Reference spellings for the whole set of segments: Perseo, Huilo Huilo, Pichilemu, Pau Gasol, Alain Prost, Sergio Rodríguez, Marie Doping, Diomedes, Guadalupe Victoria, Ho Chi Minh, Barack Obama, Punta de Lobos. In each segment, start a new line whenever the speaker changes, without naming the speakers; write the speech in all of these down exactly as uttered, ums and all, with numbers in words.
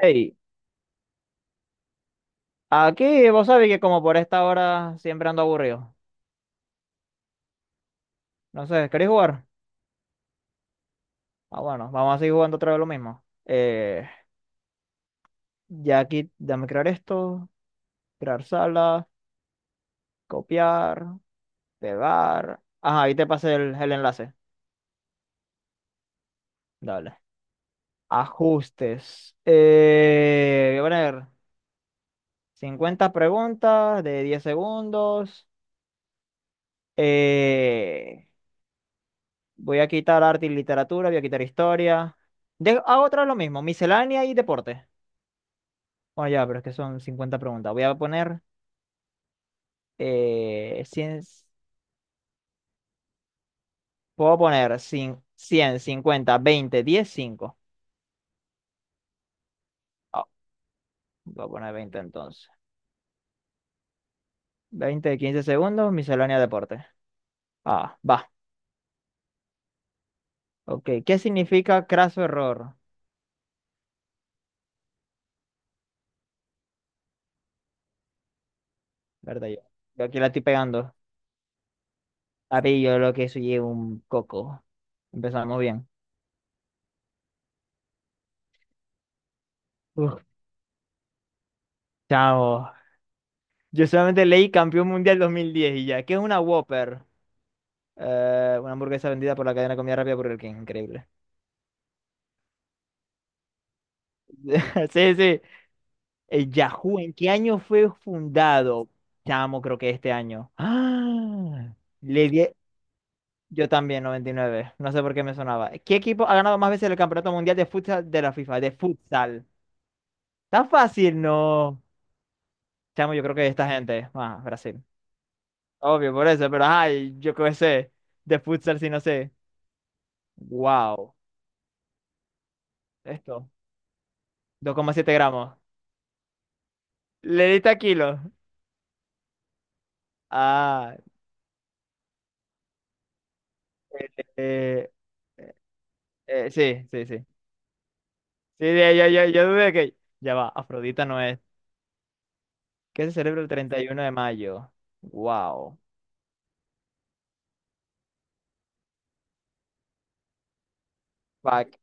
Hey, aquí vos sabés que como por esta hora siempre ando aburrido. No sé, ¿queréis jugar? Ah, bueno, vamos a seguir jugando otra vez lo mismo. Eh, ya aquí, dame crear esto, crear sala, copiar, pegar. Ajá, ahí te pasé el, el enlace. Dale. Ajustes. Eh, voy a poner cincuenta preguntas de diez segundos. Eh, voy a quitar arte y literatura, voy a quitar historia. De- hago otra vez lo mismo, miscelánea y deporte. Oh, ya, pero es que son cincuenta preguntas. Voy a poner eh, cien, puedo poner cien, 100, cincuenta, veinte, diez, cinco. Ah, voy a poner veinte entonces. Veinte de quince segundos, miscelánea deporte. Ah, va. Ok, ¿qué significa craso error? Verdad, yo, yo aquí la estoy pegando. Papi, yo lo que soy es un coco. Empezamos bien. Uf, chao. Yo solamente leí campeón mundial dos mil diez y ya. ¿Qué es una Whopper? Eh, una hamburguesa vendida por la cadena de comida rápida el King. Increíble. Sí, sí. El Yahoo, ¿en qué año fue fundado? Chamo, creo que este año. ¡Ah! Le di. Yo también, Noventa y nueve. No sé por qué me sonaba. ¿Qué equipo ha ganado más veces el Campeonato Mundial de Futsal de la FIFA? De futsal. ¿Está fácil? No. Chamo, yo creo que esta gente. Ah, Brasil. Obvio, por eso, pero ay, yo qué sé. De futsal, sí, no sé. Wow. Esto. Dos coma siete gramos. Le diste a kilo. Ah. eh, eh, eh, sí, sí, sí. Sí, ya, ya, ya, yo dudé que. Ya va, Afrodita no es. ¿Qué se celebra el treinta y uno de mayo? Wow. Fuck.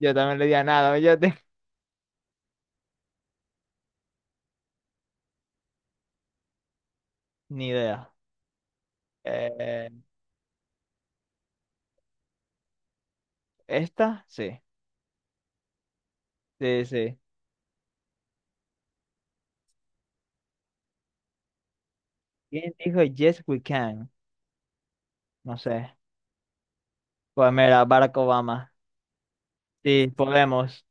Yo también le di a nada, yo te. Ni idea. Eh, ¿esta? Sí. Sí, sí. ¿Quién dijo Yes, we can? No sé. Pues mira, Barack Obama. Sí, podemos.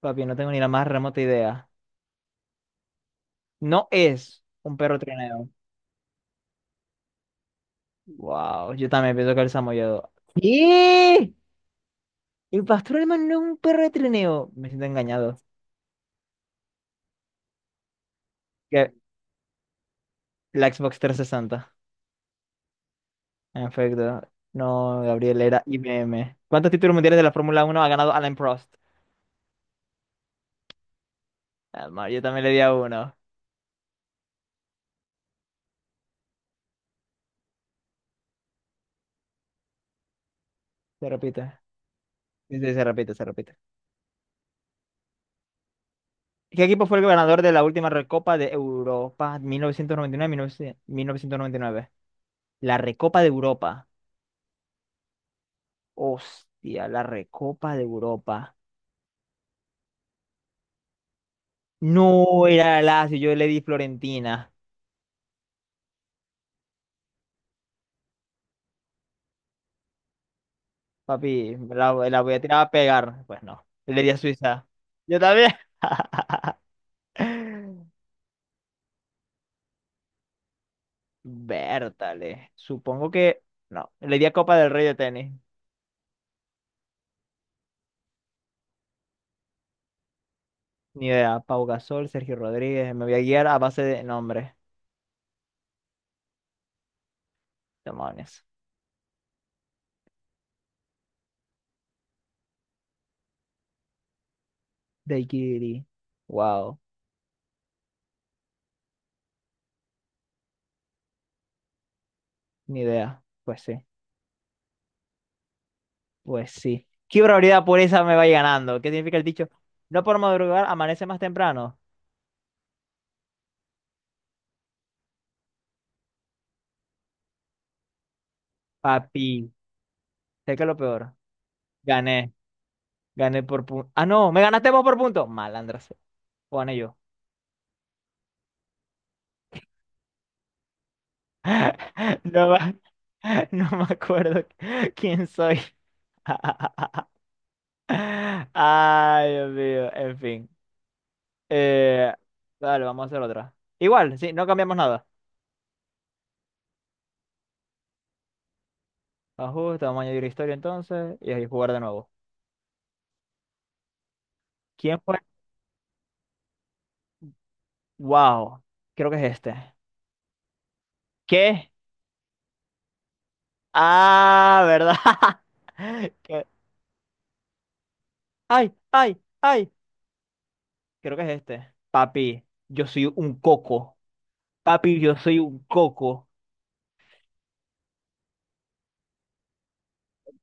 Papi, no tengo ni la más remota idea. No es un perro trineo. Wow, yo también pienso que el samoyedo. ¿Qué? El pastor alemán no es un perro de trineo. Me siento engañado. ¿Qué? La Xbox trescientos sesenta, en efecto. No, Gabriel, era I B M. ¿Cuántos títulos mundiales de la Fórmula Uno ha ganado Alain Prost? Ah, ma, yo también le di a uno. Se repite. Sí, sí, se repite, se repite. ¿Qué equipo fue el ganador de la última Recopa de Europa mil novecientos noventa y nueve-mil novecientos noventa y nueve? La Recopa de Europa. Hostia, la Recopa de Europa. No era Lazio, yo le di Florentina. Papi, me la, la voy a tirar a pegar. Pues no, le di a Suiza. Yo también. Bertale. Supongo que. No. Le di a Copa del Rey de tenis. Ni idea. Pau Gasol, Sergio Rodríguez. Me voy a guiar a base de nombres. Demonios. Daiquiri. Wow. Ni idea. Pues sí. Pues sí. Qué probabilidad por esa me vaya ganando. ¿Qué significa el dicho? No por madrugar, amanece más temprano. Papi. Sé que es lo peor. Gané. Gané por punto. Ah, no. Me ganaste vos por punto. Malandra. Sea. Pone yo. No, va- no me acuerdo quién soy. Ay, Dios mío, en fin. Eh, vale, vamos a hacer otra. Igual, sí, no cambiamos nada. Ajuste, vamos a añadir historia entonces y ahí jugar de nuevo. ¿Quién fue? Wow, creo que es este. ¿Qué? Ah, ¿verdad? ¿Qué? Ay, ay, ay. Creo que es este. Papi, yo soy un coco. Papi, yo soy un coco.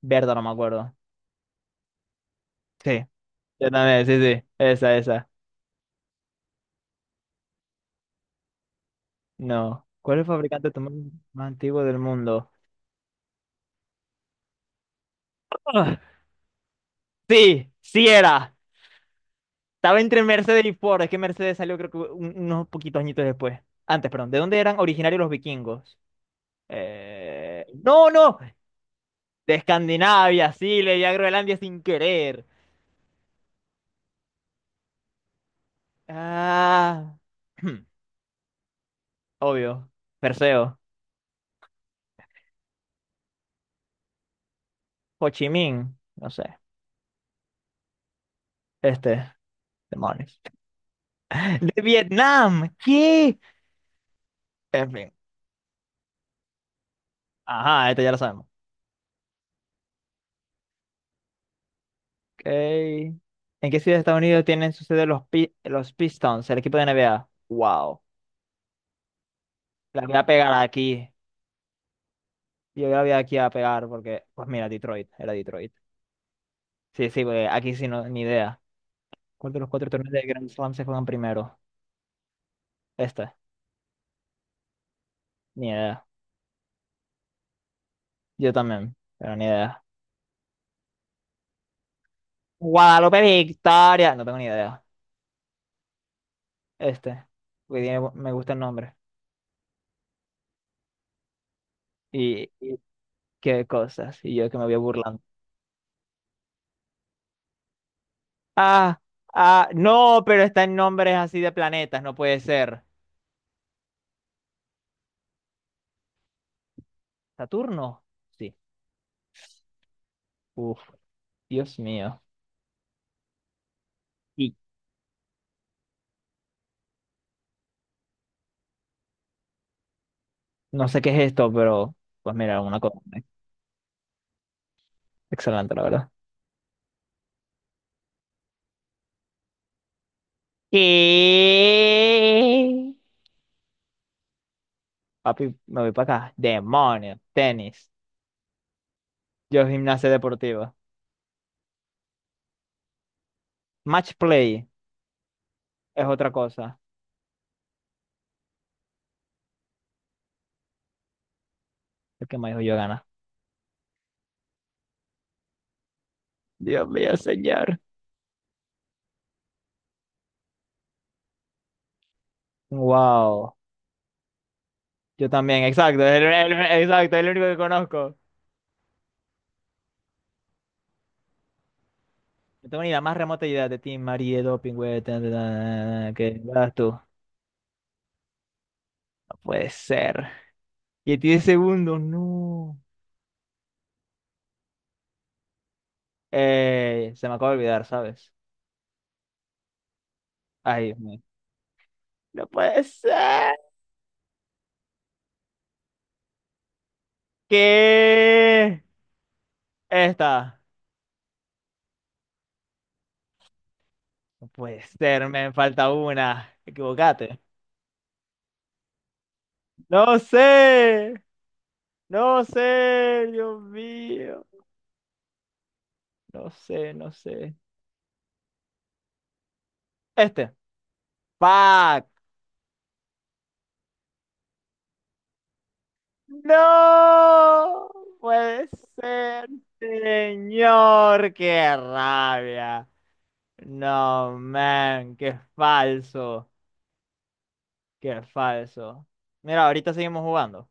Verdad, no me acuerdo. Sí. Yo también, sí, sí. Esa, esa. No. ¿Cuál es el fabricante automóvil más antiguo del mundo? ¡Ah! Sí, sí era. Estaba entre Mercedes y Ford. Es que Mercedes salió creo que un- unos poquitos añitos después. Antes, perdón. ¿De dónde eran originarios los vikingos? Eh, No, no. De Escandinavia, sí, le di a Groenlandia sin querer. Ah. Obvio. Perseo. Ho Chi Minh. No sé. Este. Demonios. De Vietnam. ¿Qué? En fin. Ajá, esto ya lo sabemos. Okay. ¿En qué ciudad de Estados Unidos tienen su sede los, Pi- los Pistons, el equipo de N B A? Wow. La voy a pegar aquí. Yo la voy aquí a pegar porque, pues mira, Detroit, era Detroit. Sí, sí, porque aquí sí no, ni idea. ¿Cuál de los cuatro torneos de Grand Slam se juegan primero? Este, ni idea. Yo también, pero ni idea. Guadalupe Victoria, no tengo ni idea. Este, porque tiene me gusta el nombre. Y, y qué cosas. Y yo que me voy burlando. Ah, ah, no, pero está en nombres así de planetas, no puede ser. ¿Saturno? Sí. Uf, Dios mío. Y no sé qué es esto, pero pues mira, una cosa. Excelente, la verdad. ¿Qué? Papi, me voy para acá. Demonios, tenis. Yo gimnasia deportiva. Match play es otra cosa. El que más dijo yo gana. Dios mío, señor. Wow. Yo también, exacto. Es el- el- exacto, es el único que conozco. No tengo ni la más remota idea de ti, Marie Doping, güey. Ta, ta, ta, ¿qué vas tú? No puede ser. Y tiene segundos, no. Eh, se me acaba de olvidar, ¿sabes? Ay, Dios mío. No puede ser. ¿Qué? Esta. No puede ser, me falta una. Equivocate. No sé. No sé, Dios mío. No sé, no sé. Este. ¡Fuck! No puede ser, señor, qué rabia. No, man, qué falso, qué falso. Mira, ahorita seguimos jugando.